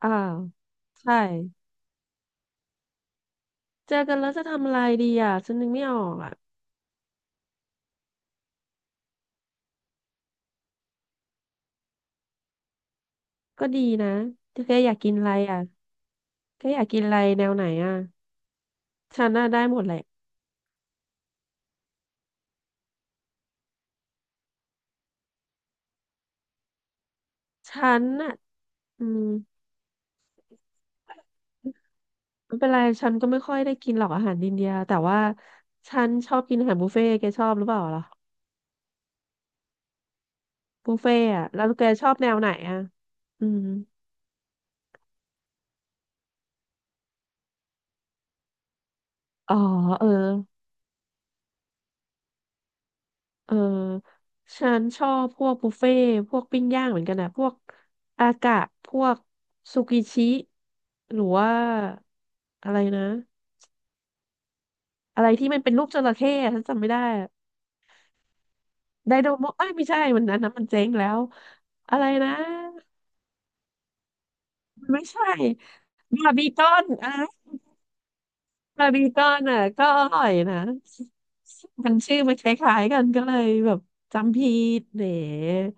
อ่าใช่เจอกันแล้วจะทำอะไรดีอ่ะฉันนึกไม่ออกอ่ะก็ดีนะแกอยากกินอะไรอ่ะแกอยากกินอะไรแนวไหนอ่ะฉันน่ะได้หมดแหละฉันน่ะอืมไม่เป็นไรฉันก็ไม่ค่อยได้กินหรอกอาหารอินเดียแต่ว่าฉันชอบกินอาหารบุฟเฟ่ต์แกชอบหรือเปล่าล่ะบุฟเฟ่ต์อ่ะแล้วแกชอบแนวไหนอ่ะอืมอ๋อเออ เออฉันชอบพวกบุฟเฟ่ต์พวกปิ้งย่างเหมือนกันนะพวกอากะพวกซูกิชิหรือว่าอะไรนะอะไรที่มันเป็นรูปจระเข้อะฉันจำไม่ได้อะไดโดโมเอ้ยไม่ใช่มันนั้นนะมันเจ๊งแล้วอะไรนะไม่ใช่บาร์บีคอนอ่ะบาร์บีคอนอ่ะก็อร่อยนะมันชื่อมันคล้ายๆกันก็เลยแบบจำผิดเนี่ย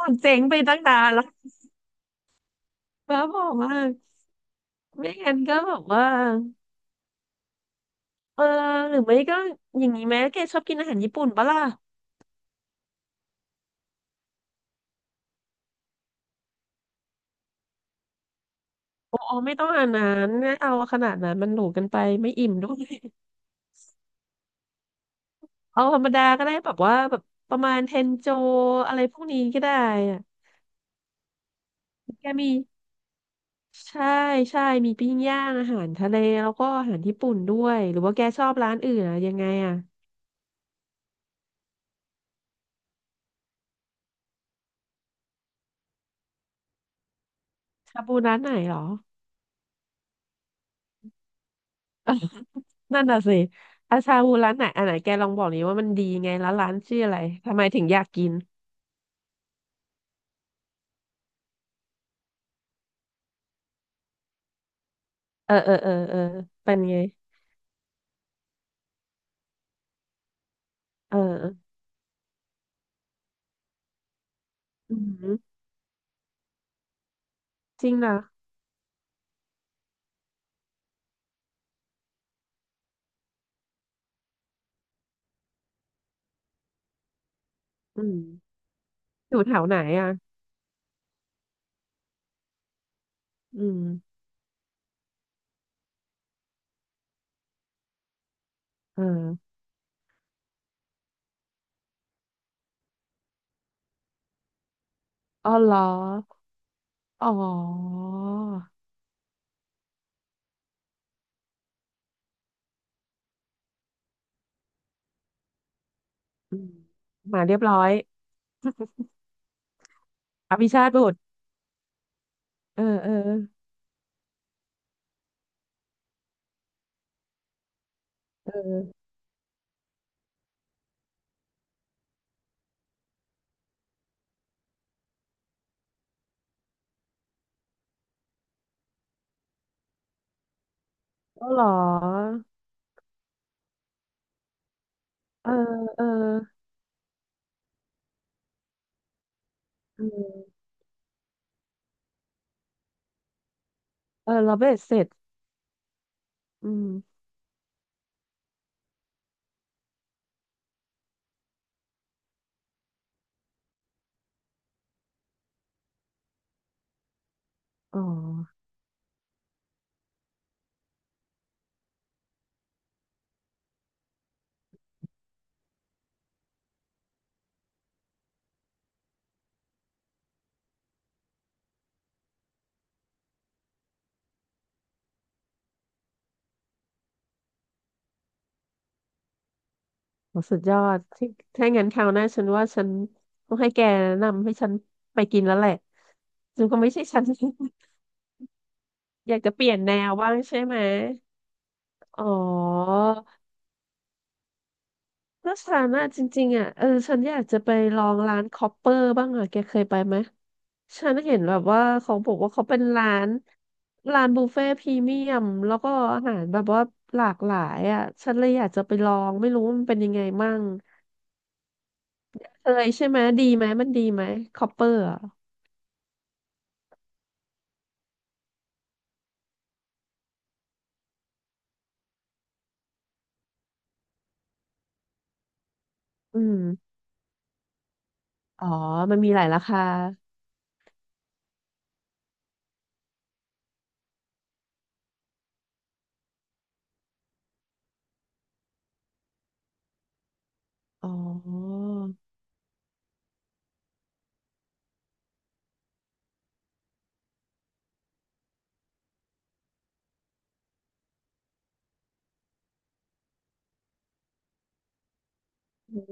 มันเจ๊งไปตั้งนานแล้ว บ้าบอกว่ากไม่งั้นก็แบบว่าเออหรือไม่ก็อย่างนี้ไหมแกชอบกินอาหารญี่ปุ่นปะล่ะอ๋อไม่ต้องอันนั้นไมเอาขนาดนั้นมันหรูกันไปไม่อิ่มด้วยเอาธรรมดาก็ได้แบบว่าแบบประมาณเทนโจอะไรพวกนี้ก็ได้อะแกมีใช่ใช่มีปิ้งย่างอาหารทะเลแล้วก็อาหารญี่ปุ่นด้วยหรือว่าแกชอบร้านอื่นอะยังไงอะชาบูร้านไหนหรอนั่นน่ะสิอาชาบูร้านไหนอันไหนแกลองบอกนี้ว่ามันดีไงแล้วร้านชื่ออะไรทำไมถึงอยากกิน เออเออเออเออเป็นไงเอออืมจริงนะอืมอยู่แถวไหนอ่ะอืมเอออ๋อเหรออ๋ออืมมาเรียบร้อยอภิชาติบุตรเออเออเอออ๋อเหรอเออเออเออเออเราเบสเสร็จอืมอ๋อโหสุดยอดที่ถ้างั้นคราวหน้าฉันว่าฉันต้องให้แกแนะนำให้ฉันไปกินแล้วแหละฉันก็ไม่ใช่ ฉัน อยากจะเปลี่ยนแนวบ้างใช่ไหม อ๋อถ้าฉันอะจริงๆอะเออฉันอยากจะไปลองร้านคอปเปอร์บ้างอะแกเคยไปไหมฉันเห็นแบบว่าเขาบอกว่าเขาเป็นร้านร้านบุฟเฟ่ต์พรีเมียมแล้วก็อาหารแบบว่าหลากหลายอะฉันเลยอยากจะไปลองไม่รู้ว่ามันเป็นยังไงมั่งเคยใช่ไหมดีไหมมันดีไหมคอปเปอร์อะอืมอ๋อมันมีหลายราคาอ๋อ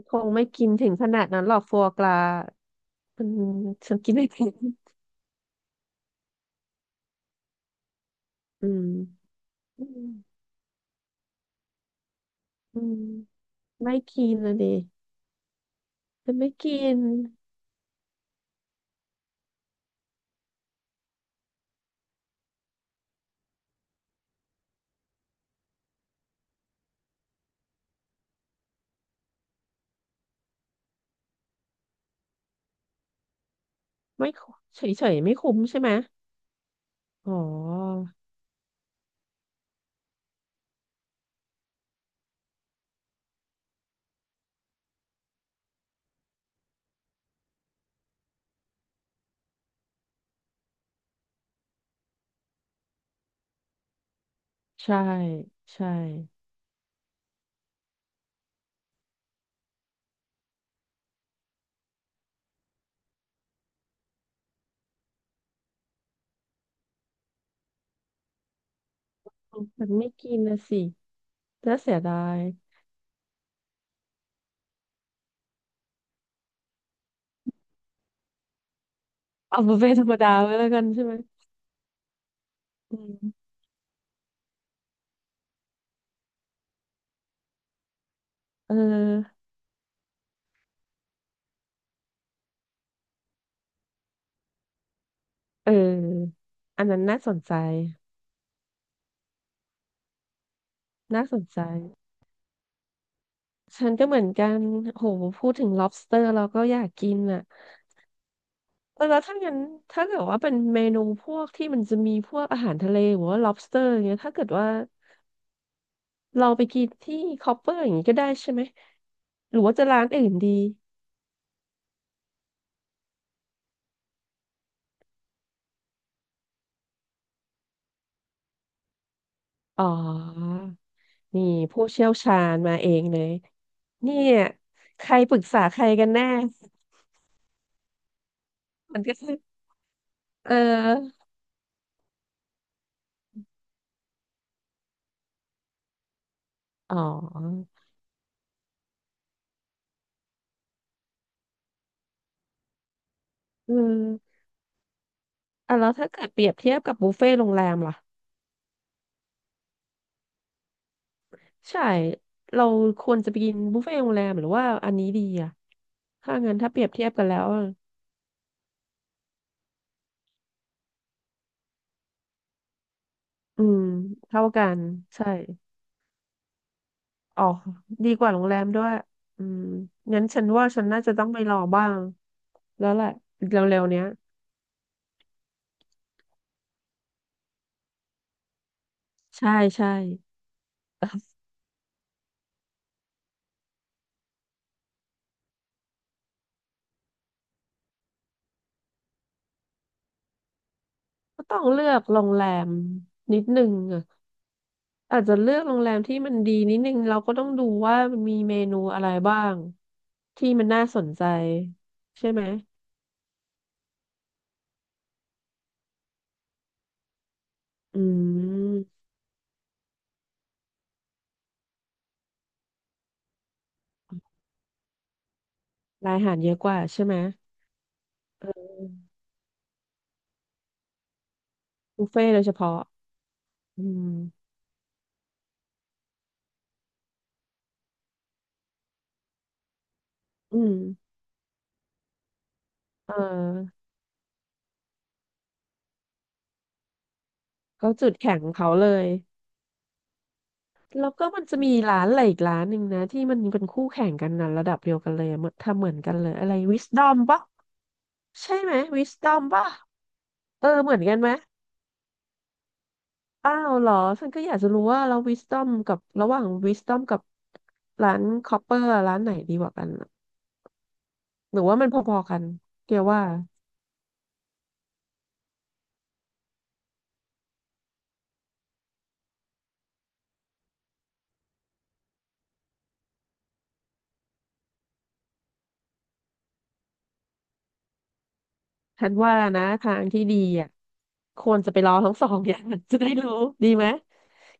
คงไม่กินถึงขนาดนั้นหรอกฟัวกรามันฉันกินไม่ เป็นอืม อืมไม่กินนะดิจะไม่กินไม่คุเฉยเฉยๆไม่คุ้มใช่ไหมอ๋อใช่ใช่แต่ไม่กินนะสิน่าเสียดายเอาบุฟเฟ่ต์ธรรมดาไว้แล้วกันใช่ไหมอืมเออเอออันนั้นน่าสนใจน่าสนใจฉันก็เหมือนกันโหพูดถึง lobster เราก็อยากกินอ่ะเออแล้วถ้างั้นถ้าเกิดว่าเป็นเมนูพวกที่มันจะมีพวกอาหารทะเลหรือว่า lobster อย่างเงี้ยถ้าเกิดว่า เราไปกินที่คอปเปอร์อย่างนี้ก็ได้ใช่ไหมหรือว่าจะร้านอื่นดีอ๋อนี่ผู้เชี่ยวชาญมาเองเลยเนี่ยใครปรึกษาใครกันแน่มันก็คือ เอออ๋ออืมอ่ะแล้วถ้าเกิดเปรียบเทียบกับบุฟเฟ่ต์โรงแรมล่ะใช่เราควรจะไปกินบุฟเฟ่ต์โรงแรมหรือว่าอันนี้ดีอ่ะถ้างั้นถ้าเปรียบเทียบกันแล้วอะอืมเท่ากันใช่ อ๋อดีกว่าโรงแรมด้วยอืมงั้นฉันว่าฉันน่าจะต้องไปรอบ้างแล้วแหละเร็วๆเนี้ยใช่ใช่ ก็ต้องเลือกโรงแรมนิดนึงอ่ะอาจจะเลือกโรงแรมที่มันดีนิดนึงเราก็ต้องดูว่ามันมีเมนูอะไรบ้างที่มันน่าสนใจใช่ไหมอืมรายอาหารเยอะกว่าใช่ไหมอืมบุฟเฟ่ต์โดยเฉพาะอืมอืมเออก็จุดแข็งของเขาเลย แล้วก็มันจะมีร้านอะไรอีกร้านหนึ่งนะที่มันเป็นคู่แข่งกันนะระดับเดียวกันเลยอะเหมือนทำเหมือนกันเลยอะไรวิสดอมปะใช่ไหมวิสดอมปะเออเหมือนกันไหมอ้าวเหรอฉันก็อยากจะรู้ว่าแล้ววิสดอมกับระหว่างวิสดอมกับร้านคอปเปอร์ร้านไหนดีกว่ากันอะหรือว่ามันพอๆกันเกี่ยวว่าฉันว่านะทางที่ดีอ่ะควรจะไปลอทั้งสองอย่าง จะได้รู้ดีไหม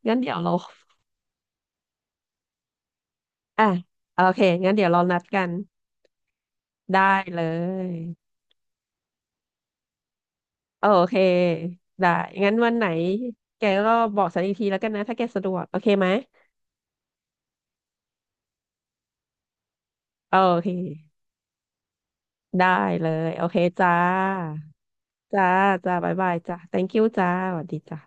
งั้นเดี๋ยวเราอ่ะโอเคงั้นเดี๋ยวเรานัดกันได้เลย โอเค ได้งั้นวันไหนแกก็บอกฉันอีกทีแล้วกันนะ ถ้าแกสะดวก โอเคไหม โอเค ได้เลย โอเคจ้า จ้า จ้าบ๊ายบายจ้า thank you จ้า สวัสดีจ้า